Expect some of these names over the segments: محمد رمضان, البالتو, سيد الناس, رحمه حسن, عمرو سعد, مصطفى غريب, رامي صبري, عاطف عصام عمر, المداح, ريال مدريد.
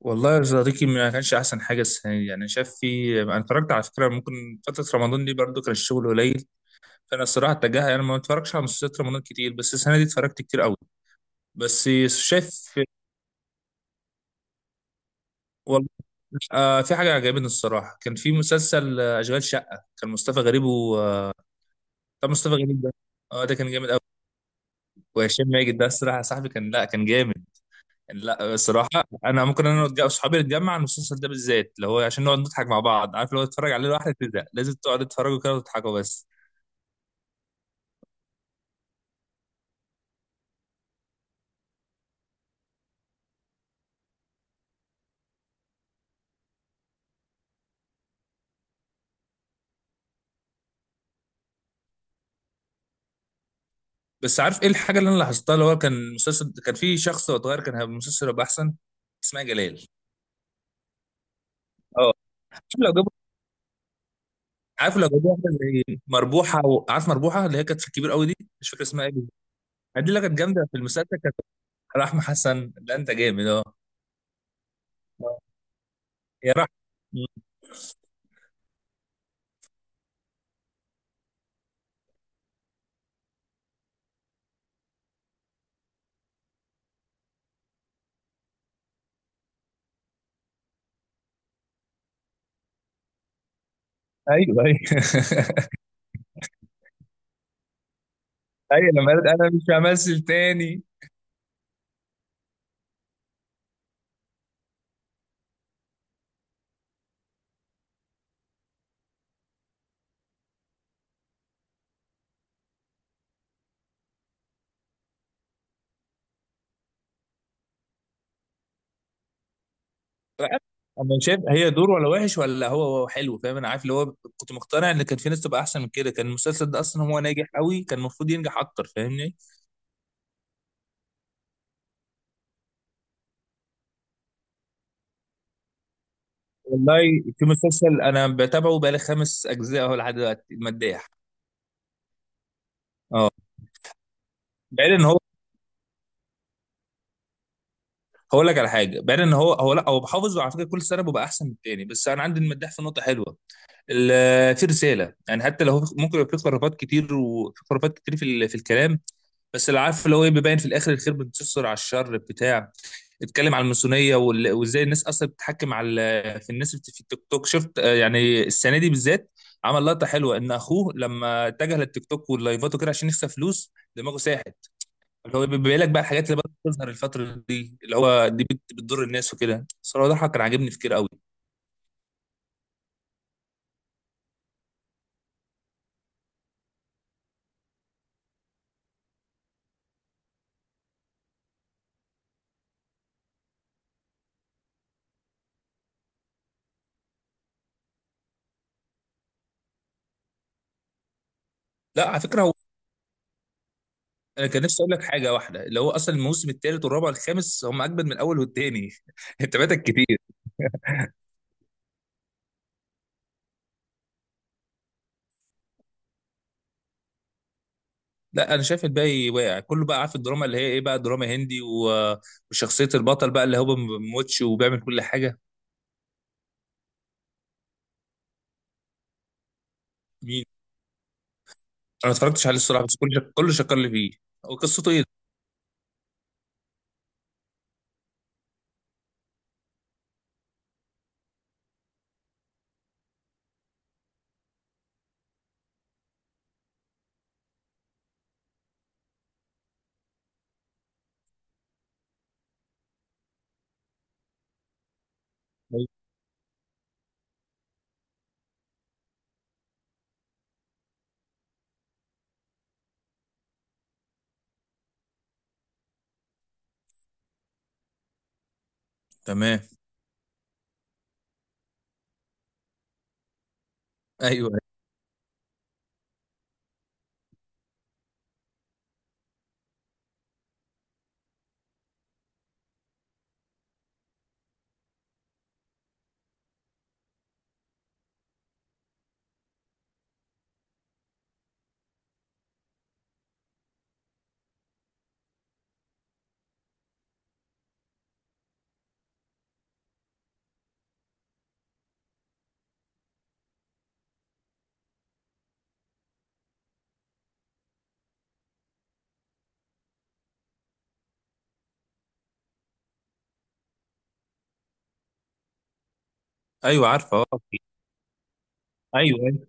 والله يا صديقي ما كانش احسن حاجه السنه دي. يعني شاف انا اتفرجت على فكره، ممكن فتره رمضان دي برضو كان الشغل قليل. فانا الصراحه اتجاهها يعني ما اتفرجش على مسلسلات رمضان كتير، بس السنه دي اتفرجت كتير قوي. بس شايف. والله، في حاجه عجبتني الصراحه. كان في مسلسل اشغال شقه، كان مصطفى غريب و طب مصطفى غريب ده، اه ده كان جامد قوي. وهشام ماجد ده الصراحه يا صاحبي كان، لا كان جامد. لا الصراحه انا ممكن انا اصحابي نتجمع على المسلسل ده بالذات، اللي هو عشان نقعد نضحك مع بعض. عارف، لو تتفرج عليه لوحدك تزهق، لازم تقعد تتفرجوا كده وتضحكوا بس. بس عارف ايه الحاجه اللي انا لاحظتها؟ اللي هو كان مسلسل، كان في شخص وهو صغير، كان هيبقى المسلسل هيبقى احسن. اسمها جلال. اه. عارف لو جابوا، عارف لو جابوا واحده زي مربوحه، عارف مربوحه اللي هي كانت في الكبير قوي دي. مش فاكر اسمها ايه بالظبط. دي اللي كانت جامده في المسلسل كانت. رحمه حسن؟ ده انت جامد اه. يا رحمه. ايوه ايوه. ايوه لما قالت انا مش همثل تاني. انا عارف- أنا شايف هي دور، ولا وحش ولا هو حلو، فاهم. انا عارف اللي هو كنت مقتنع ان كان في ناس تبقى احسن من كده. كان المسلسل ده اصلا هو ناجح قوي، كان المفروض ينجح اكتر، فاهمني. والله، في مسلسل انا بتابعه بقالي خمس اجزاء اهو لحد دلوقتي، مداح. اه. بعيد ان هو. هقول لك على حاجه، بعيد ان هو، هو لا هو بحافظ، وعلى فكره كل سنه ببقى احسن من التاني. بس انا عندي المداح في نقطه حلوه. في رساله، يعني حتى لو هو ممكن يبقى في خرافات كتير، وفي خرافات كتير في في الكلام، بس اللي عارف اللي هو ايه، بيبين في الاخر الخير بينتصر على الشر بتاع اتكلم عن الماسونيه وازاي الناس اصلا بتتحكم على في الناس في التيك توك، شفت؟ يعني السنه دي بالذات عمل لقطه حلوه ان اخوه لما اتجه للتيك توك واللايفات وكده عشان يكسب فلوس، دماغه ساحت. اللي هو بيبين لك بقى الحاجات اللي بدأت تظهر الفتره دي، اللي هو دي بتضر الناس وكده. صراحه ده كان عاجبني في كتير قوي. لا على فكره هو. انا كان نفسي اقول لك حاجه واحده، اللي هو اصلا الموسم الثالث والرابع والخامس هم اجمد من الاول والثاني. انت فاتك كتير. لا انا شايف الباقي واقع كله بقى. عارف الدراما اللي هي ايه بقى، دراما هندي وشخصيه البطل بقى اللي هو ما بيموتش وبيعمل كل حاجه. مين؟ انا ما اتفرجتش عليه الصراحه، بس كله شكر لي فيه. هو قصته ايه؟ تمام. ايوه ايوه عارفه اه. ايوه أيوة.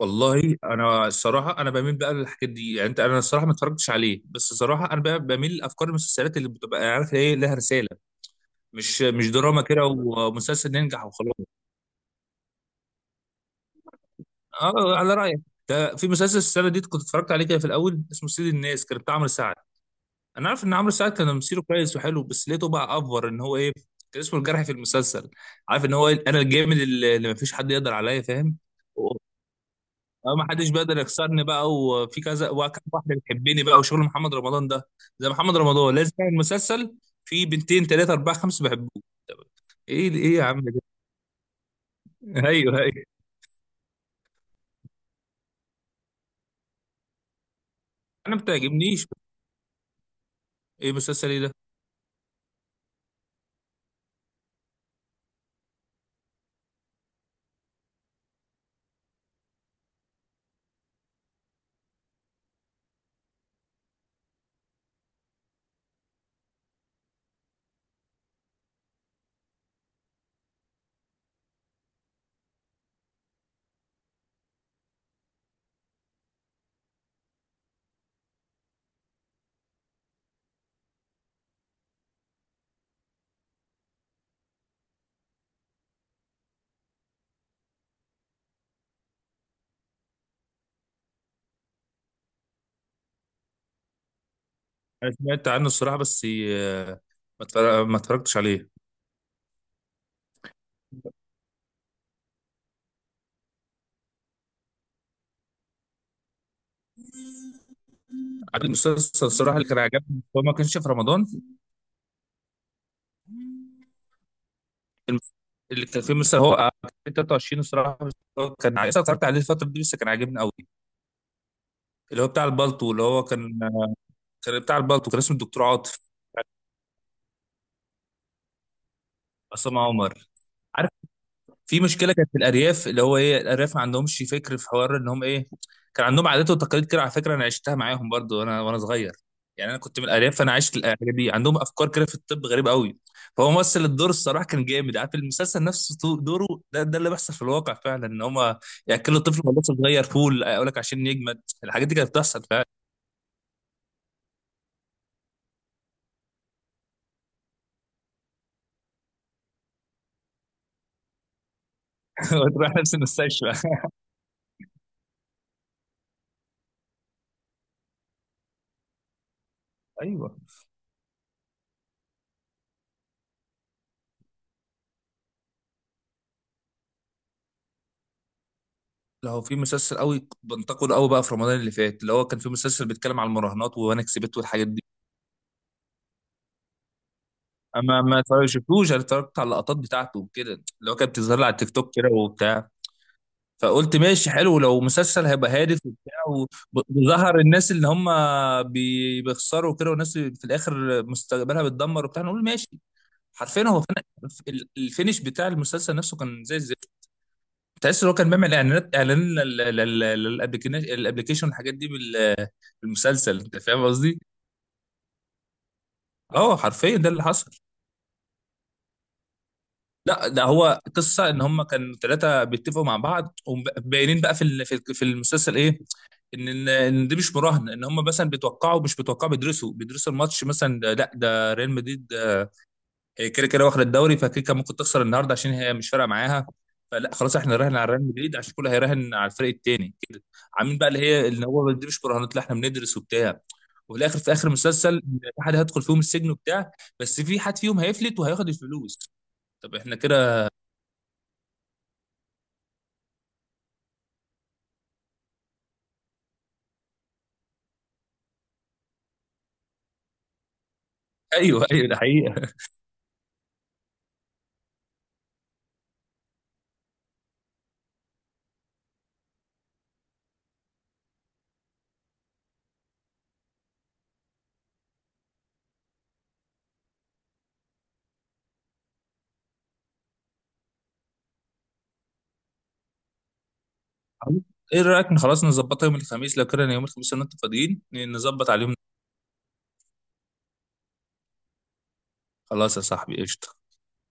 والله انا الصراحه انا بميل بقى للحاجات دي. يعني انت، انا الصراحه ما اتفرجتش عليه، بس الصراحه انا بقى بميل لافكار المسلسلات اللي بتبقى يعني عارف ايه، لها رساله. مش دراما كده ومسلسل ننجح وخلاص. اه على رايك. ده في مسلسل السنه دي كنت اتفرجت عليه كده في الاول، اسمه سيد الناس، كان بتاع عمرو سعد. انا عارف ان عمرو سعد كان تمثيله كويس وحلو، بس لقيته بقى افور، ان هو ايه، كان اسمه الجرح في المسلسل. عارف ان هو، انا الجامد اللي مفيش حد يقدر عليا، فاهم. و- اه، ما حدش بيقدر يكسرني بقى، وفي كذا وكم واحده بتحبني بقى، وشغل محمد رمضان ده. زي محمد رمضان لازم يعمل مسلسل، في بنتين ثلاثه اربعه خمسه بحبوه. ايه ايه يا عم ده. ايوه ايوه. انا ما بتعجبنيش. ايه مسلسل ايه ده؟ انا سمعت عنه الصراحه، بس ما اتفرجتش عليه. عارف المسلسل الصراحه اللي كان عجبني، هو ما كانش في رمضان. اللي كان فيه مثلا هو كان 23 الصراحه، بس هو كان عايز، اتفرجت عليه الفتره دي، بس كان عاجبني قوي. اللي هو بتاع البالتو، اللي هو كان، كان بتاع البالتو، كان اسمه الدكتور عاطف. عصام عمر. في مشكله كانت في الارياف، اللي هو ايه، الارياف ما عندهمش فكر في حوار ان هم ايه، كان عندهم عادات وتقاليد كده. على فكره انا عشتها معاهم برضو وانا صغير، يعني انا كنت من الارياف، فانا عشت الحاجات دي. عندهم افكار كده في الطب غريب قوي. فهو ممثل الدور الصراحه كان جامد. عارف المسلسل نفسه دوره ده اللي بيحصل في الواقع فعلا، ان هم ياكلوا الطفل وهو لسه صغير. فول اقول لك عشان يجمد، الحاجات دي كانت بتحصل فعلا. وتروح نفس المستشفى. ايوه. لو في مسلسل قوي بنتقد قوي بقى في رمضان اللي فات، اللي هو كان في مسلسل بيتكلم على المراهنات وانا كسبت والحاجات دي. ما شفتوش، انا اتفرجت على اللقطات بتاعته وكده، اللي هو كانت بتظهر لي على التيك توك كده وبتاع. فقلت ماشي حلو، لو مسلسل هيبقى هادف وبتاع، وظهر الناس اللي هم بيخسروا كده، والناس في الاخر مستقبلها بتدمر وبتاع، نقول ماشي. حرفيا هو كان الفينش بتاع المسلسل نفسه كان زي الزفت. تحس ان هو كان بيعمل اعلانات، اعلان للابليكيشن، الابليكيشن والحاجات دي بالمسلسل، انت فاهم قصدي؟ اه حرفيا ده اللي حصل. لا ده هو قصه ان هم كانوا ثلاثه بيتفقوا مع بعض، وباينين بقى في ال- في في المسلسل ايه، ان إن دي مش مراهنه، ان هم مثلا بيتوقعوا، مش بيتوقعوا بيدرسوا، الماتش مثلا لا ده ريال مدريد، كده كده واخد الدوري، فكيكا ممكن تخسر النهارده عشان هي مش فارقه معاها، فلا خلاص احنا نراهن على ريال مدريد عشان كله هيراهن على الفريق التاني كده. عاملين بقى اللي هي ان هو دي مش مراهنات، لا احنا بندرس وبتاع. وفي الاخر في اخر المسلسل، إن في حد هيدخل فيهم السجن وبتاع، بس في حد فيهم هيفلت وهياخد الفلوس. طب احنا كده. ايوه ايوه، ده حقيقة. ايه رأيك إن خلاص نظبطها يوم الخميس؟ لو كده يوم الخميس لو انتوا فاضيين نظبط على اليوم. خلاص يا صاحبي قشطة.